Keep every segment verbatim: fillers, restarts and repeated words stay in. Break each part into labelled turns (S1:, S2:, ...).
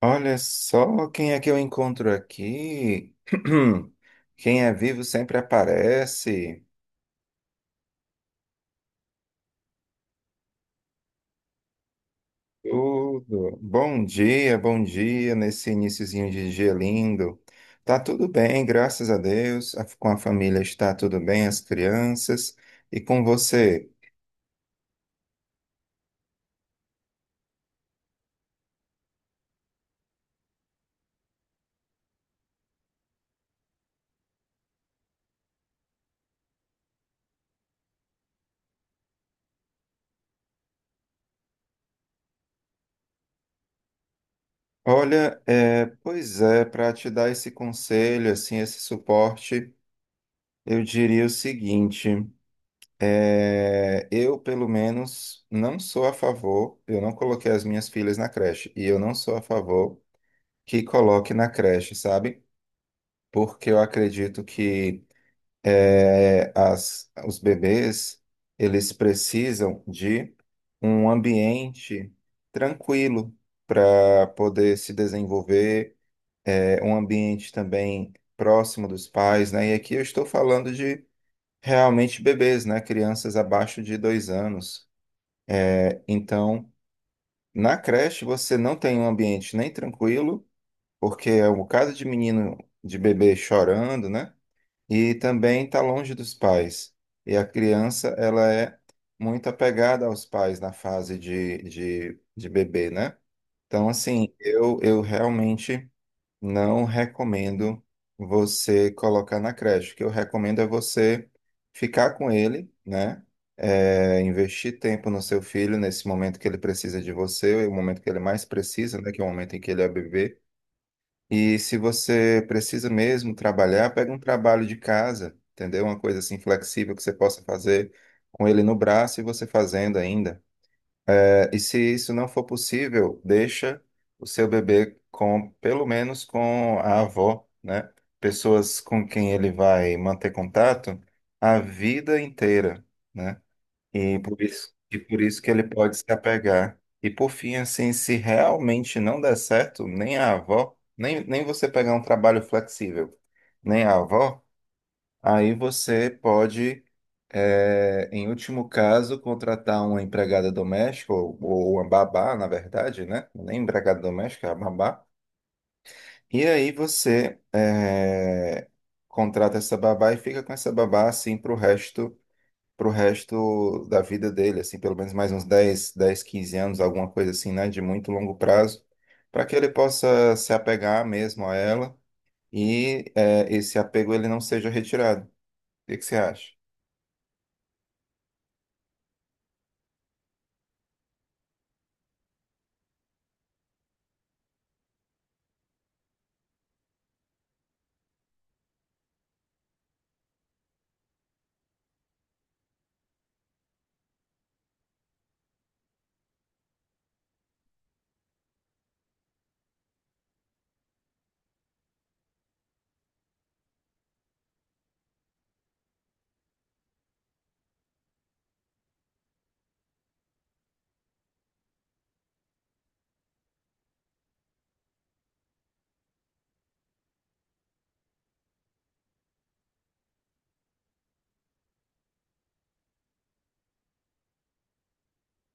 S1: Olha só quem é que eu encontro aqui. Quem é vivo sempre aparece. Tudo. Bom dia, bom dia nesse iniciozinho de dia lindo. Tá tudo bem, graças a Deus. A- Com a família está tudo bem, as crianças. E com você? Olha, é, pois é, para te dar esse conselho, assim, esse suporte, eu diria o seguinte. É, eu, pelo menos, não sou a favor, eu não coloquei as minhas filhas na creche, e eu não sou a favor que coloque na creche, sabe? Porque eu acredito que é, as, os bebês, eles precisam de um ambiente tranquilo para poder se desenvolver, é, um ambiente também próximo dos pais, né? E aqui eu estou falando de realmente bebês, né? Crianças abaixo de dois anos. Então, na creche você não tem um ambiente nem tranquilo, porque é um caso de menino, de bebê chorando, né? E também está longe dos pais. E a criança, ela é muito apegada aos pais na fase de, de, de bebê, né? Então, assim, eu, eu realmente. Não recomendo você colocar na creche. O que eu recomendo é você ficar com ele, né? É, investir tempo no seu filho nesse momento que ele precisa de você, o momento que ele mais precisa, né? Que é o momento em que ele é bebê. E se você precisa mesmo trabalhar, pega um trabalho de casa, entendeu? Uma coisa assim flexível que você possa fazer com ele no braço e você fazendo ainda. E se isso não for possível, deixa o seu bebê com, pelo menos com a avó, né? Pessoas com quem ele vai manter contato a vida inteira, né? E por isso, e por isso que ele pode se apegar. E por fim, assim, se realmente não der certo, nem a avó, nem, nem você pegar um trabalho flexível, nem a avó, aí você pode, eh, em último caso, contratar uma empregada doméstica, ou, ou uma babá, na verdade, né? Nem empregada doméstica, é a babá. E aí você, eh, contrata essa babá e fica com essa babá, assim, pro resto, pro resto da vida dele, assim, pelo menos mais uns dez, dez, quinze anos, alguma coisa assim, né? De muito longo prazo, para que ele possa se apegar mesmo a ela e, eh, esse apego ele não seja retirado. O que que você acha?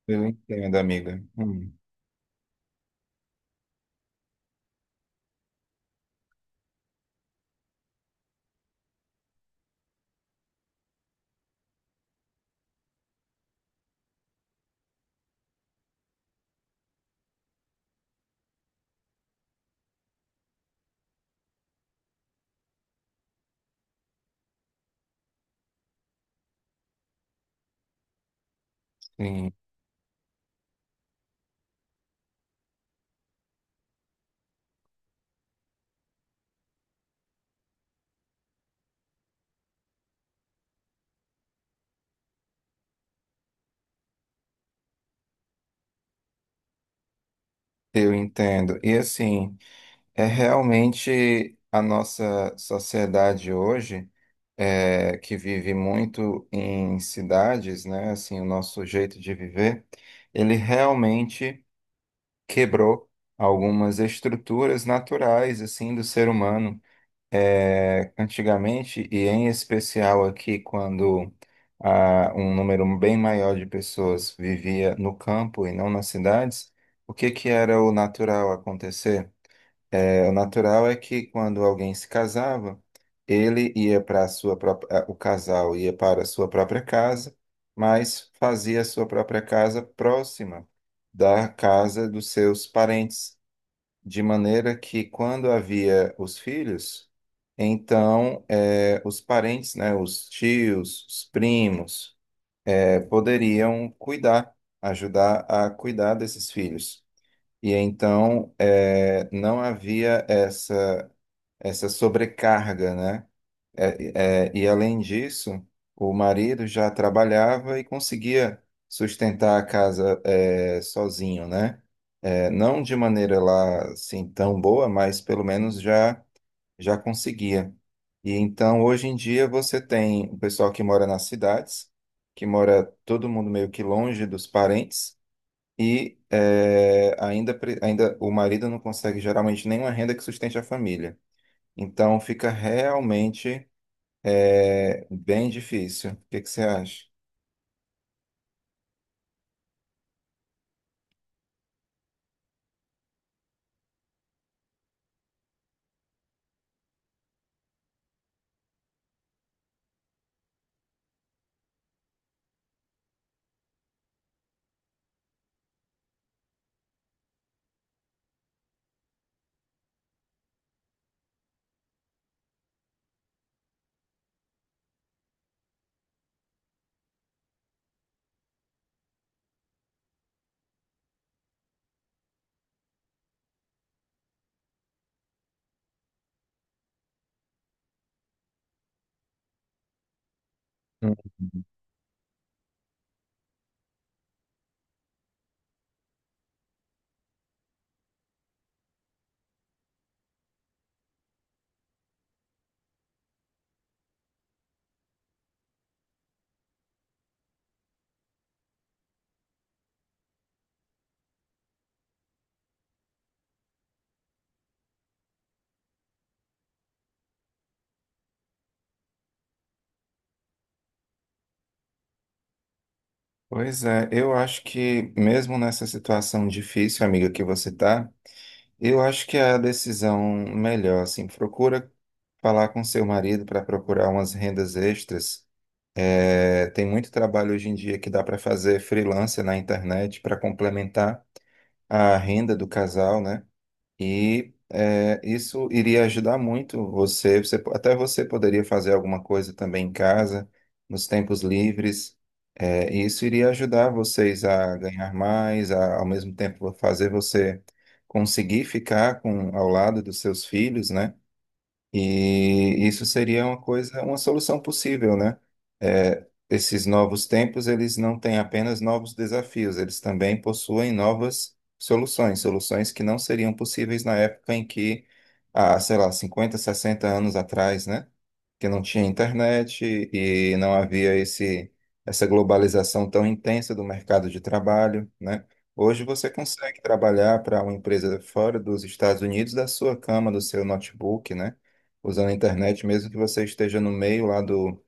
S1: Eu entendo, amiga. Hum, sim, eu entendo. E assim, é realmente a nossa sociedade hoje, é, que vive muito em cidades, né? Assim, o nosso jeito de viver, ele realmente quebrou algumas estruturas naturais, assim, do ser humano. É, antigamente, e em especial aqui quando ah, um número bem maior de pessoas vivia no campo e não nas cidades, o que que era o natural acontecer? É, o natural é que quando alguém se casava, ele ia para a sua própria, ah, o casal ia para a sua própria casa, mas fazia a sua própria casa próxima da casa dos seus parentes de maneira que quando havia os filhos, então eh, os parentes, né, os tios, os primos, eh, poderiam cuidar, ajudar a cuidar desses filhos. E então eh, não havia essa essa sobrecarga, né? É, é, e além disso, o marido já trabalhava e conseguia sustentar a casa é, sozinho, né? É, não de maneira lá assim tão boa, mas pelo menos já já conseguia. E então hoje em dia você tem o pessoal que mora nas cidades, que mora todo mundo meio que longe dos parentes e é, ainda pre- ainda o marido não consegue geralmente nenhuma renda que sustente a família. Então fica realmente é bem difícil. O que que você acha? Hum. Pois é, eu acho que mesmo nessa situação difícil, amiga, que você tá, eu acho que é a decisão melhor, assim, procura falar com seu marido para procurar umas rendas extras. É, tem muito trabalho hoje em dia que dá para fazer freelancer na internet para complementar a renda do casal, né? E é, isso iria ajudar muito você, você. Até você poderia fazer alguma coisa também em casa, nos tempos livres. É, e isso iria ajudar vocês a ganhar mais, a, ao mesmo tempo fazer você conseguir ficar com, ao lado dos seus filhos, né? E isso seria uma coisa, uma solução possível, né? É, esses novos tempos, eles não têm apenas novos desafios, eles também possuem novas soluções, soluções que não seriam possíveis na época em que, há, sei lá, cinquenta, sessenta anos atrás, né? Que não tinha internet e não havia esse, essa globalização tão intensa do mercado de trabalho, né? Hoje você consegue trabalhar para uma empresa fora dos Estados Unidos da sua cama, do seu notebook, né? Usando a internet, mesmo que você esteja no meio lá do,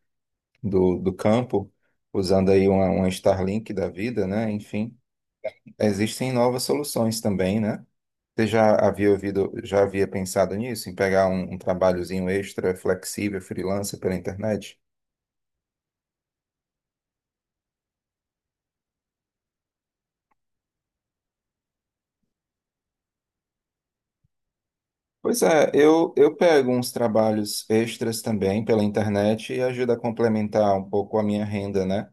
S1: do, do campo, usando aí uma, uma Starlink da vida, né? Enfim, existem novas soluções também, né? Você já havia ouvido, já havia pensado nisso, em pegar um, um trabalhozinho extra, flexível, freelancer pela internet? Pois é, eu, eu pego uns trabalhos extras também pela internet e ajuda a complementar um pouco a minha renda, né?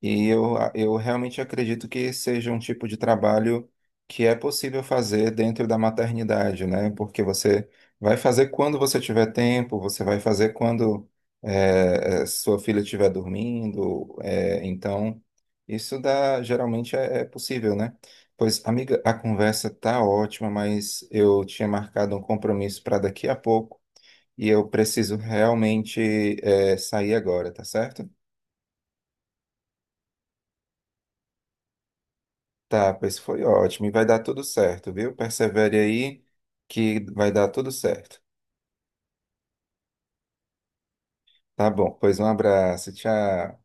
S1: E eu, eu realmente acredito que seja um tipo de trabalho que é possível fazer dentro da maternidade, né? Porque você vai fazer quando você tiver tempo, você vai fazer quando eh, eh, sua filha estiver dormindo. Eh, então, isso dá, geralmente é, é possível, né? Pois, amiga, a conversa tá ótima, mas eu tinha marcado um compromisso para daqui a pouco e eu preciso realmente eh, sair agora, tá certo? Tá, pois foi ótimo. E vai dar tudo certo, viu? Persevere aí que vai dar tudo certo. Tá bom, pois um abraço, tchau.